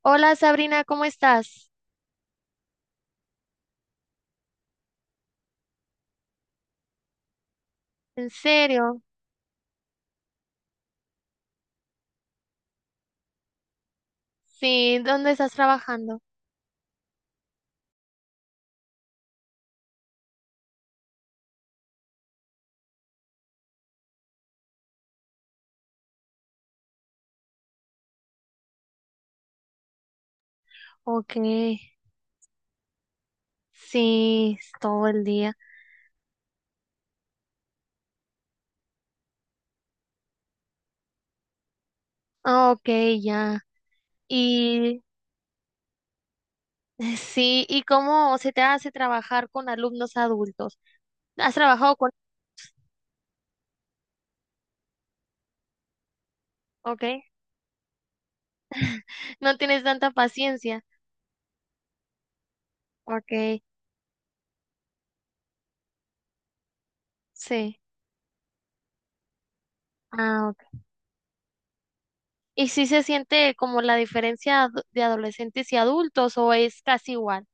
Hola Sabrina, ¿cómo estás? ¿En serio? Sí, ¿dónde estás trabajando? Ok, sí, es todo el día. Ah, ok, ya. Y sí, ¿y cómo se te hace trabajar con alumnos adultos? ¿Has trabajado con... Ok, no tienes tanta paciencia. Ok, sí. Ah, ok. ¿Y si se siente como la diferencia de adolescentes y adultos o es casi igual?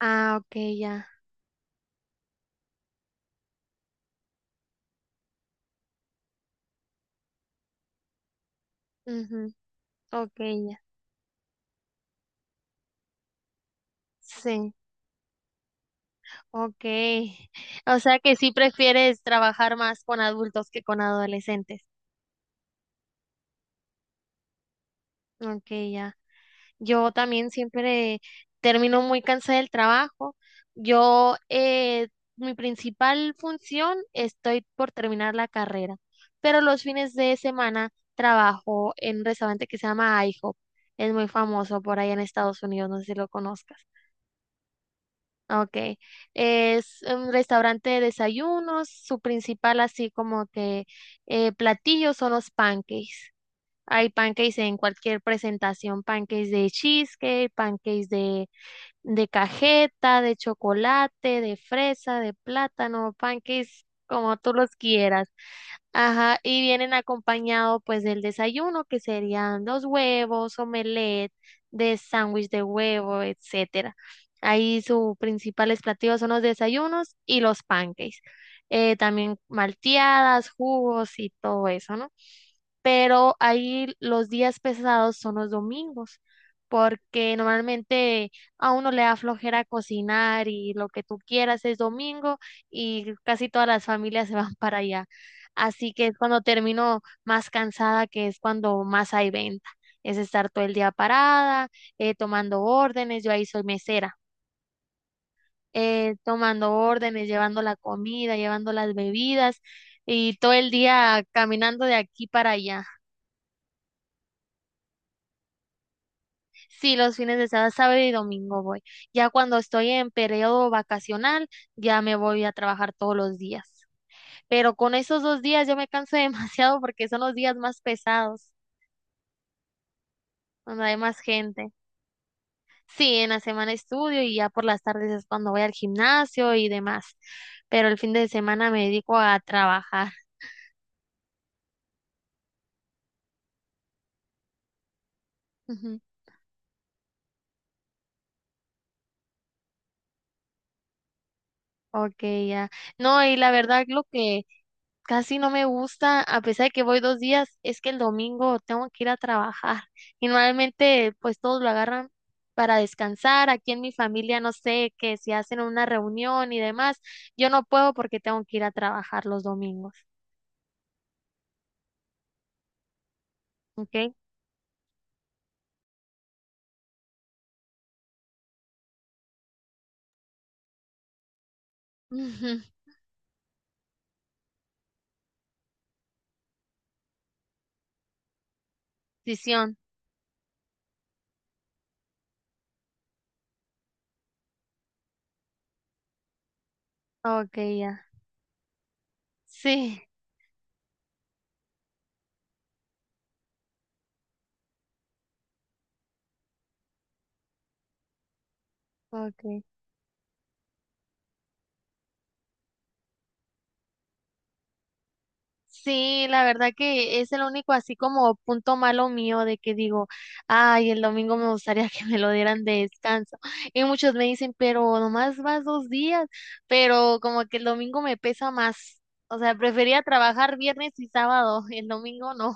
Ah, ok, ya. Ujú. Ok, ya. Sí. Ok. O sea que sí prefieres trabajar más con adultos que con adolescentes. Ok, ya. Yo también siempre termino muy cansada del trabajo. Yo, mi principal función, estoy por terminar la carrera, pero los fines de semana trabajo en un restaurante que se llama IHOP. Es muy famoso por allá en Estados Unidos, no sé si lo conozcas. Okay, es un restaurante de desayunos, su principal así como que platillo son los pancakes. Hay pancakes en cualquier presentación, pancakes de cheesecake, pancakes de cajeta, de chocolate, de fresa, de plátano, pancakes como tú los quieras. Ajá, y vienen acompañado pues del desayuno, que serían los huevos, omelette, de sándwich de huevo, etcétera. Ahí sus principales platillos son los desayunos y los pancakes. También malteadas, jugos y todo eso, ¿no? Pero ahí los días pesados son los domingos, porque normalmente a uno le da flojera cocinar y lo que tú quieras es domingo y casi todas las familias se van para allá. Así que es cuando termino más cansada, que es cuando más hay venta. Es estar todo el día parada, tomando órdenes, yo ahí soy mesera, tomando órdenes, llevando la comida, llevando las bebidas y todo el día caminando de aquí para allá. Sí, los fines de semana, sábado y domingo voy. Ya cuando estoy en periodo vacacional, ya me voy a trabajar todos los días. Pero con esos dos días yo me canso demasiado porque son los días más pesados, donde hay más gente. Sí, en la semana estudio y ya por las tardes es cuando voy al gimnasio y demás, pero el fin de semana me dedico a trabajar. Ujú. Ok, ya. No, y la verdad lo que casi no me gusta, a pesar de que voy dos días, es que el domingo tengo que ir a trabajar. Y normalmente pues todos lo agarran para descansar. Aquí en mi familia no sé que si hacen una reunión y demás, yo no puedo porque tengo que ir a trabajar los domingos. Ok. Ujú. Decisión. Ok, ya. Sí. Okay. Sí, la verdad que es el único así como punto malo mío de que digo, ay, el domingo me gustaría que me lo dieran de descanso. Y muchos me dicen, pero nomás vas dos días, pero como que el domingo me pesa más. O sea, prefería trabajar viernes y sábado, el domingo no.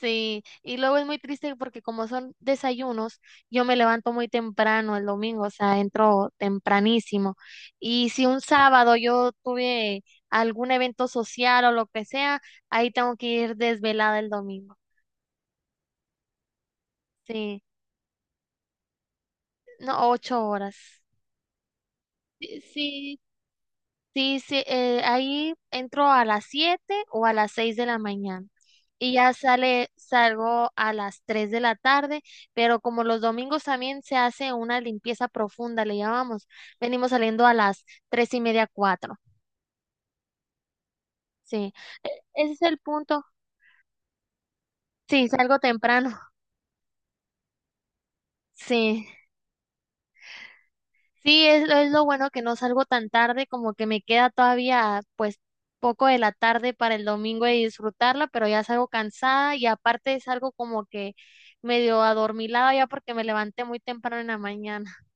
Sí, y luego es muy triste porque como son desayunos, yo me levanto muy temprano el domingo, o sea, entro tempranísimo. Y si un sábado yo tuve algún evento social o lo que sea, ahí tengo que ir desvelada el domingo. Sí, no, 8 horas. Sí, sí, sí, ahí entro a las 7 o a las 6 de la mañana y ya salgo a las 3 de la tarde, pero como los domingos también se hace una limpieza profunda, le llamamos, venimos saliendo a las 3 y media, 4. Sí, ese es el punto. Sí, salgo temprano. Sí. Sí, es lo bueno que no salgo tan tarde, como que me queda todavía pues poco de la tarde para el domingo y disfrutarla, pero ya salgo cansada y aparte salgo como que medio adormilada ya porque me levanté muy temprano en la mañana.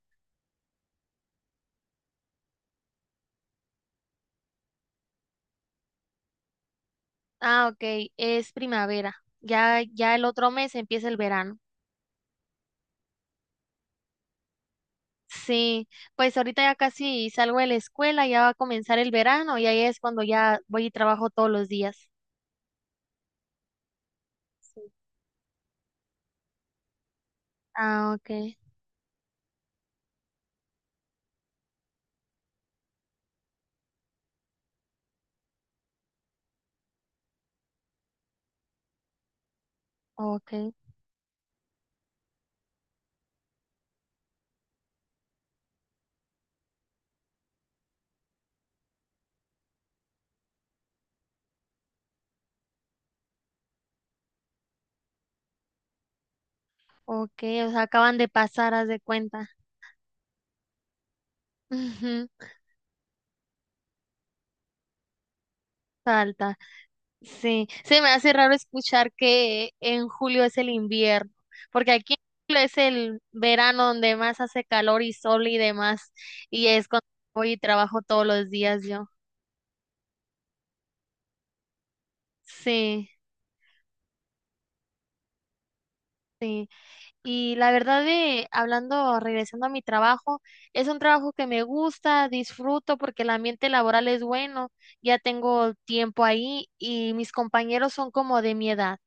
Ah, ok, es primavera. Ya, ya el otro mes empieza el verano. Sí, pues ahorita ya casi salgo de la escuela, ya va a comenzar el verano y ahí es cuando ya voy y trabajo todos los días. Sí. Ah, ok, ok. Ok, o sea, acaban de pasar, haz de cuenta. Ujú. Salta. Sí, se me hace raro escuchar que en julio es el invierno, porque aquí en julio es el verano donde más hace calor y sol y demás, y es cuando voy y trabajo todos los días yo. Sí, sí. Y la verdad de, hablando, regresando a mi trabajo, es un trabajo que me gusta, disfruto porque el ambiente laboral es bueno, ya tengo tiempo ahí y mis compañeros son como de mi edad.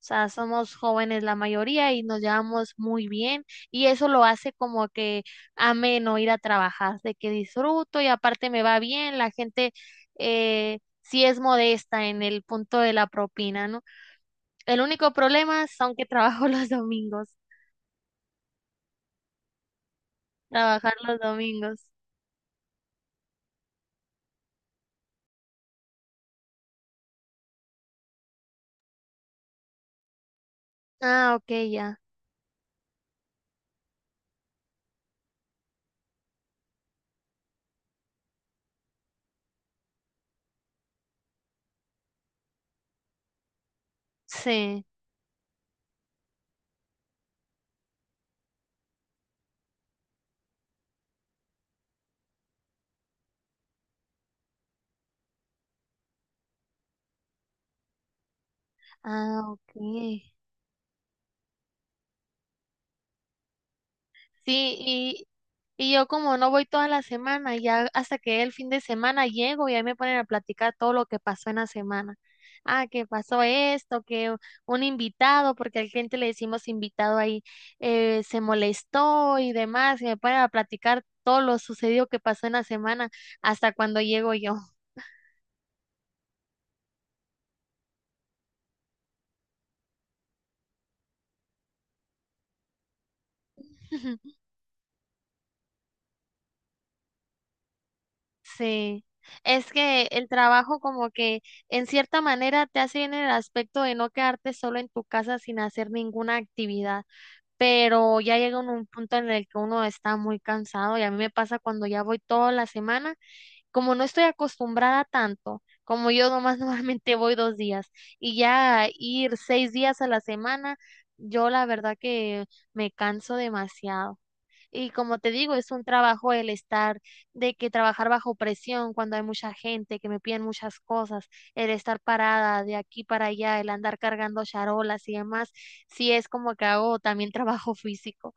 O sea, somos jóvenes la mayoría y nos llevamos muy bien y eso lo hace como que ameno ir a trabajar, de que disfruto y aparte me va bien, la gente sí es modesta en el punto de la propina, ¿no? El único problema son que trabajo los domingos. Trabajar los domingos. Ah, ok, ya. Sí. Ah, ok. Sí, y yo como no voy toda la semana, ya hasta que el fin de semana llego y ahí me ponen a platicar todo lo que pasó en la semana. Ah, que pasó esto, que un invitado, porque al cliente le decimos invitado ahí, se molestó y demás, y me ponen a platicar todo lo sucedido que pasó en la semana hasta cuando llego yo. Sí, es que el trabajo como que en cierta manera te hace bien en el aspecto de no quedarte solo en tu casa sin hacer ninguna actividad, pero ya llega un punto en el que uno está muy cansado y a mí me pasa cuando ya voy toda la semana, como no estoy acostumbrada tanto, como yo nomás normalmente voy dos días y ya ir 6 días a la semana, yo la verdad que me canso demasiado. Y como te digo, es un trabajo el estar, de que trabajar bajo presión cuando hay mucha gente, que me piden muchas cosas, el estar parada de aquí para allá, el andar cargando charolas y demás, sí es como que hago también trabajo físico.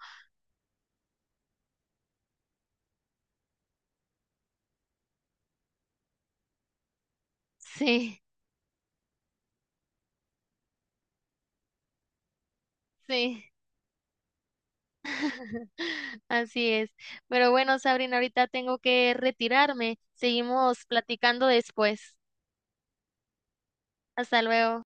Sí, sí, así es. Pero bueno, Sabrina, ahorita tengo que retirarme. Seguimos platicando después. Hasta luego.